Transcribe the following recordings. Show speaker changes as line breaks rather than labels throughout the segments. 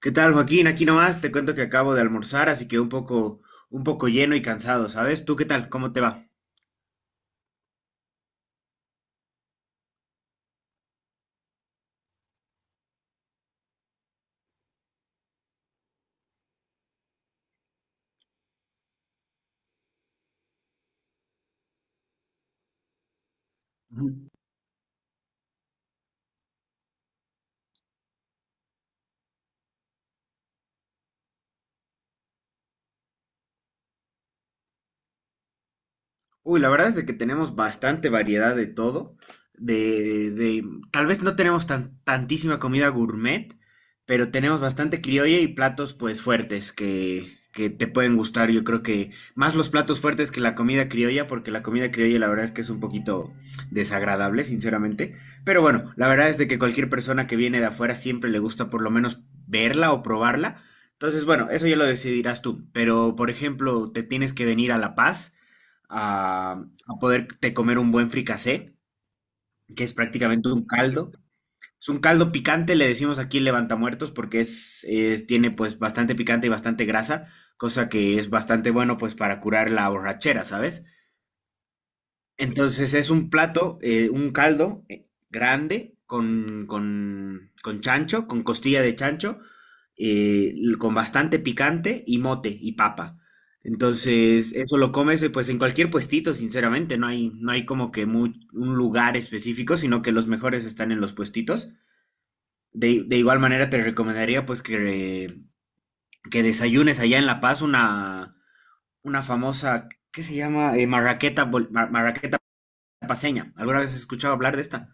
¿Qué tal, Joaquín? Aquí nomás te cuento que acabo de almorzar, así que un poco lleno y cansado, ¿sabes? ¿Tú qué tal? ¿Cómo te va? Uy, la verdad es de que tenemos bastante variedad de todo. De, de- Tal vez no tenemos tantísima comida gourmet, pero tenemos bastante criolla y platos pues fuertes que te pueden gustar. Yo creo que más los platos fuertes que la comida criolla, porque la comida criolla la verdad es que es un poquito desagradable, sinceramente. Pero bueno, la verdad es de que cualquier persona que viene de afuera siempre le gusta por lo menos verla o probarla. Entonces, bueno, eso ya lo decidirás tú. Pero, por ejemplo, te tienes que venir a La Paz a, a poderte comer un buen fricasé, que es prácticamente un caldo. Es un caldo picante, le decimos aquí levantamuertos, porque es, tiene pues bastante picante y bastante grasa, cosa que es bastante bueno pues para curar la borrachera, ¿sabes? Entonces es un plato, un caldo grande con chancho, con costilla de chancho, con bastante picante y mote y papa. Entonces eso lo comes pues en cualquier puestito, sinceramente, no hay como que un lugar específico, sino que los mejores están en los puestitos. De igual manera te recomendaría pues que desayunes allá en La Paz una famosa, ¿qué se llama? Marraqueta, marraqueta paseña. ¿Alguna vez has escuchado hablar de esta?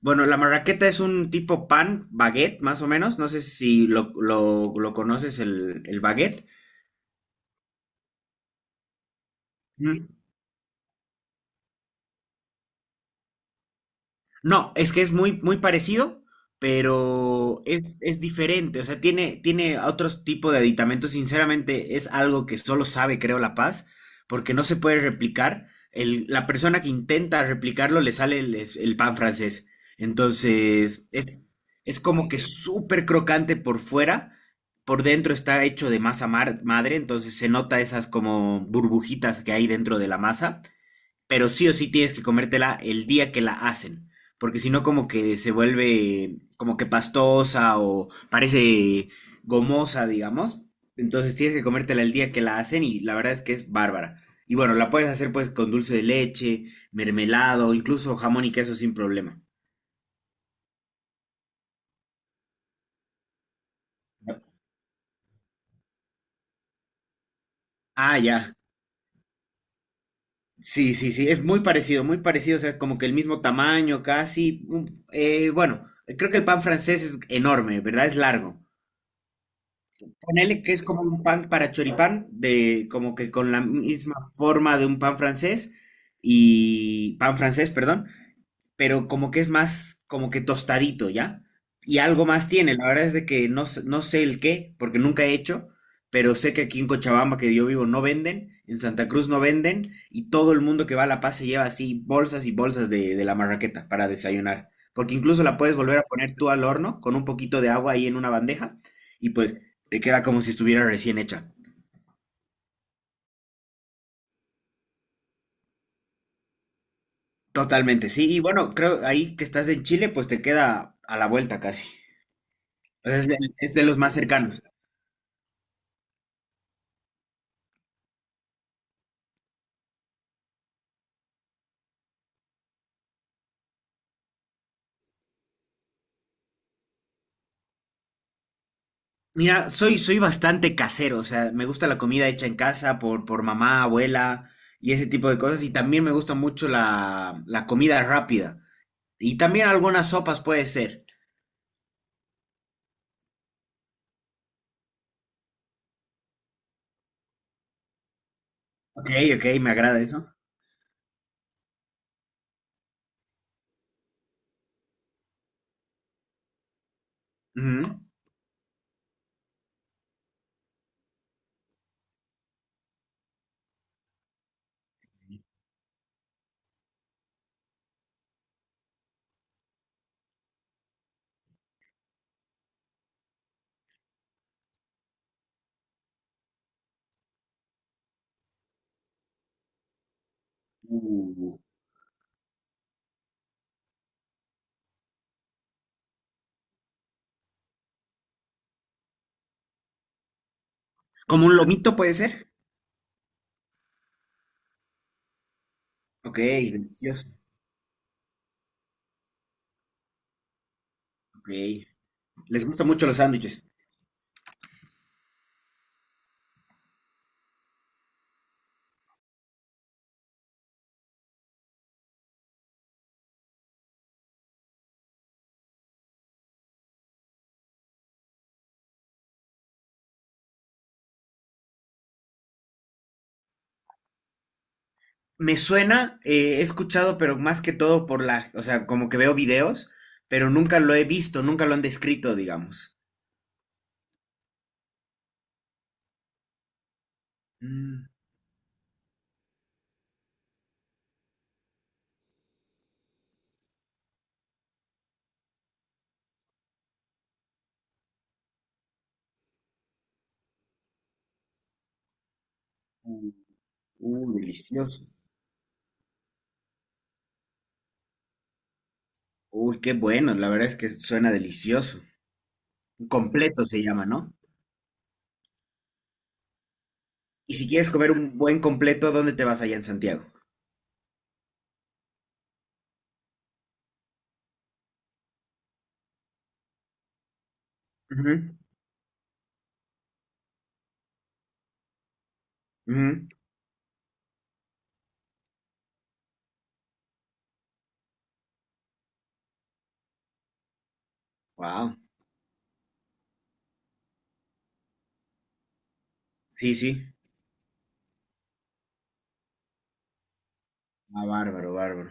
Bueno, la marraqueta es un tipo pan, baguette, más o menos. No sé si lo conoces, el baguette. No, es que es muy, muy parecido, pero es diferente. O sea, tiene otro tipo de aditamentos. Sinceramente, es algo que solo sabe, creo, La Paz, porque no se puede replicar. La persona que intenta replicarlo le sale el pan francés. Entonces, es como que súper crocante por fuera. Por dentro está hecho de masa madre, entonces se nota esas como burbujitas que hay dentro de la masa, pero sí o sí tienes que comértela el día que la hacen, porque si no como que se vuelve como que pastosa o parece gomosa, digamos. Entonces tienes que comértela el día que la hacen y la verdad es que es bárbara. Y bueno, la puedes hacer pues con dulce de leche, mermelado, incluso jamón y queso sin problema. Ah, ya. Sí, sí, sí, es muy parecido, o sea, como que el mismo tamaño casi. Bueno, creo que el pan francés es enorme, ¿verdad? Es largo. Ponele que es como un pan para choripán, de, como que con la misma forma de un pan francés y pan francés, perdón, pero como que es más, como que tostadito, ¿ya? Y algo más tiene, la verdad es de que no, no sé el qué, porque nunca he hecho, pero sé que aquí en Cochabamba, que yo vivo, no venden, en Santa Cruz no venden, y todo el mundo que va a La Paz se lleva así bolsas y bolsas de la marraqueta para desayunar, porque incluso la puedes volver a poner tú al horno con un poquito de agua ahí en una bandeja, y pues te queda como si estuviera recién hecha. Totalmente, sí, y bueno, creo ahí que estás en Chile, pues te queda a la vuelta casi. O sea, es de, es de los más cercanos. Mira, soy, soy bastante casero, o sea, me gusta la comida hecha en casa por mamá, abuela y ese tipo de cosas. Y también me gusta mucho la comida rápida. Y también algunas sopas puede ser. Ok, ok, me agrada eso. Ujú. Uh, Como un lomito puede ser. Ok, delicioso. Ok. Les gustan mucho los sándwiches. Me suena, he escuchado, pero más que todo por la, o sea, como que veo videos, pero nunca lo he visto, nunca lo han descrito, digamos. Mm. Uh. Uy, delicioso. Uy, qué bueno. La verdad es que suena delicioso. Un completo se llama, ¿no? Y si quieres comer un buen completo, ¿dónde te vas allá en Santiago? Wow. Sí, sí. Ah, bárbaro, bárbaro.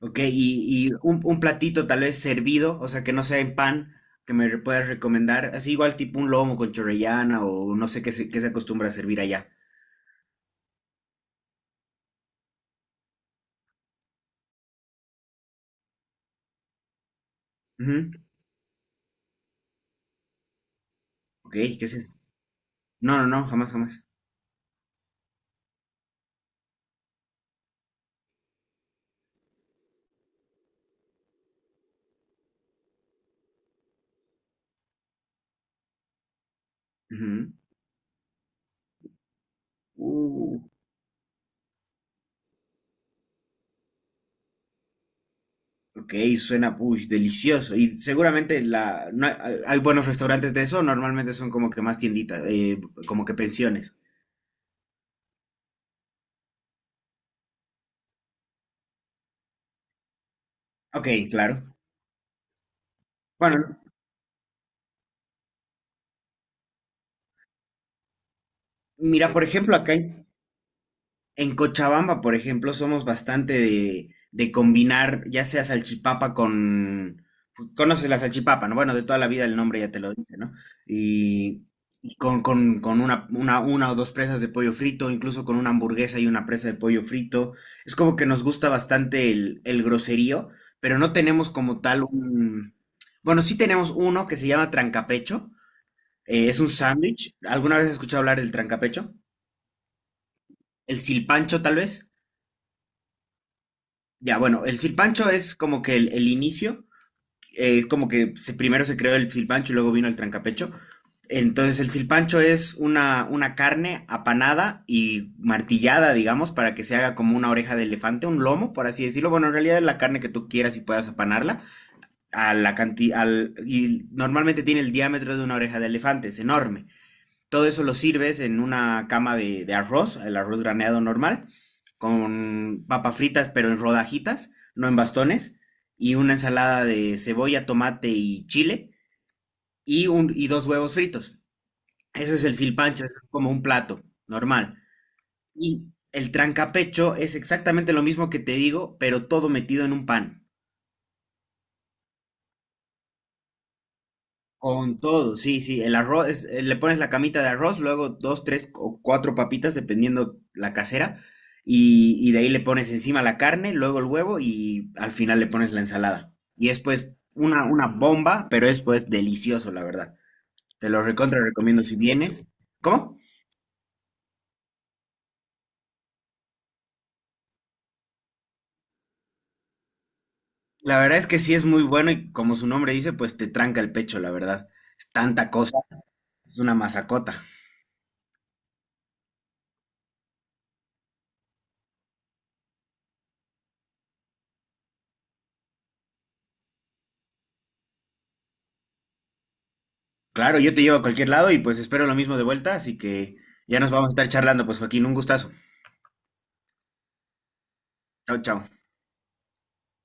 Ok, y un platito tal vez servido, o sea, que no sea en pan, puedas recomendar. Así igual tipo un lomo con chorrellana o no sé qué se acostumbra a servir allá. Ujú. Ok, ¿qué es eso? No, no, no, jamás, jamás. Ujú. Uh, Ok, suena push, delicioso. Y seguramente la, no hay, hay buenos restaurantes de eso, normalmente son como que más tienditas, como que pensiones. Ok, claro. Bueno, mira, por ejemplo, acá en Cochabamba, por ejemplo, somos bastante de combinar ya sea salchipapa con... Conoces la salchipapa, ¿no? Bueno, de toda la vida el nombre ya te lo dice, ¿no? Y, y con una, una o dos presas de pollo frito, incluso con una hamburguesa y una presa de pollo frito. Es como que nos gusta bastante el groserío, pero no tenemos como tal un... Bueno, sí tenemos uno que se llama trancapecho. Eh, es un sándwich. ¿Alguna vez has escuchado hablar del trancapecho? El silpancho, tal vez. Ya, bueno, el silpancho es como que el inicio, es como que primero se creó el silpancho y luego vino el trancapecho. Entonces el silpancho es una carne apanada y martillada, digamos, para que se haga como una oreja de elefante, un lomo, por así decirlo. Bueno, en realidad es la carne que tú quieras y puedas apanarla. A la canti- al, Y normalmente tiene el diámetro de una oreja de elefante, es enorme. Todo eso lo sirves en una cama de arroz, el arroz graneado normal, con papas fritas, pero en rodajitas, no en bastones, y una ensalada de cebolla, tomate y chile, y dos huevos fritos. Eso es el silpancho, es como un plato normal. Y el trancapecho es exactamente lo mismo que te digo, pero todo metido en un pan. Con todo, sí, sí, el arroz, le pones la camita de arroz, luego dos, tres o cuatro papitas, dependiendo la casera, y de ahí le pones encima la carne, luego el huevo y al final le pones la ensalada. Y es pues una bomba, pero es pues delicioso, la verdad. Te lo recontra recomiendo si vienes. ¿Cómo? La verdad es que sí es muy bueno y como su nombre dice, pues te tranca el pecho, la verdad. Es tanta cosa, es una masacota. Claro, yo te llevo a cualquier lado y pues espero lo mismo de vuelta, así que ya nos vamos a estar charlando, pues Joaquín, un gustazo. Chao, chao.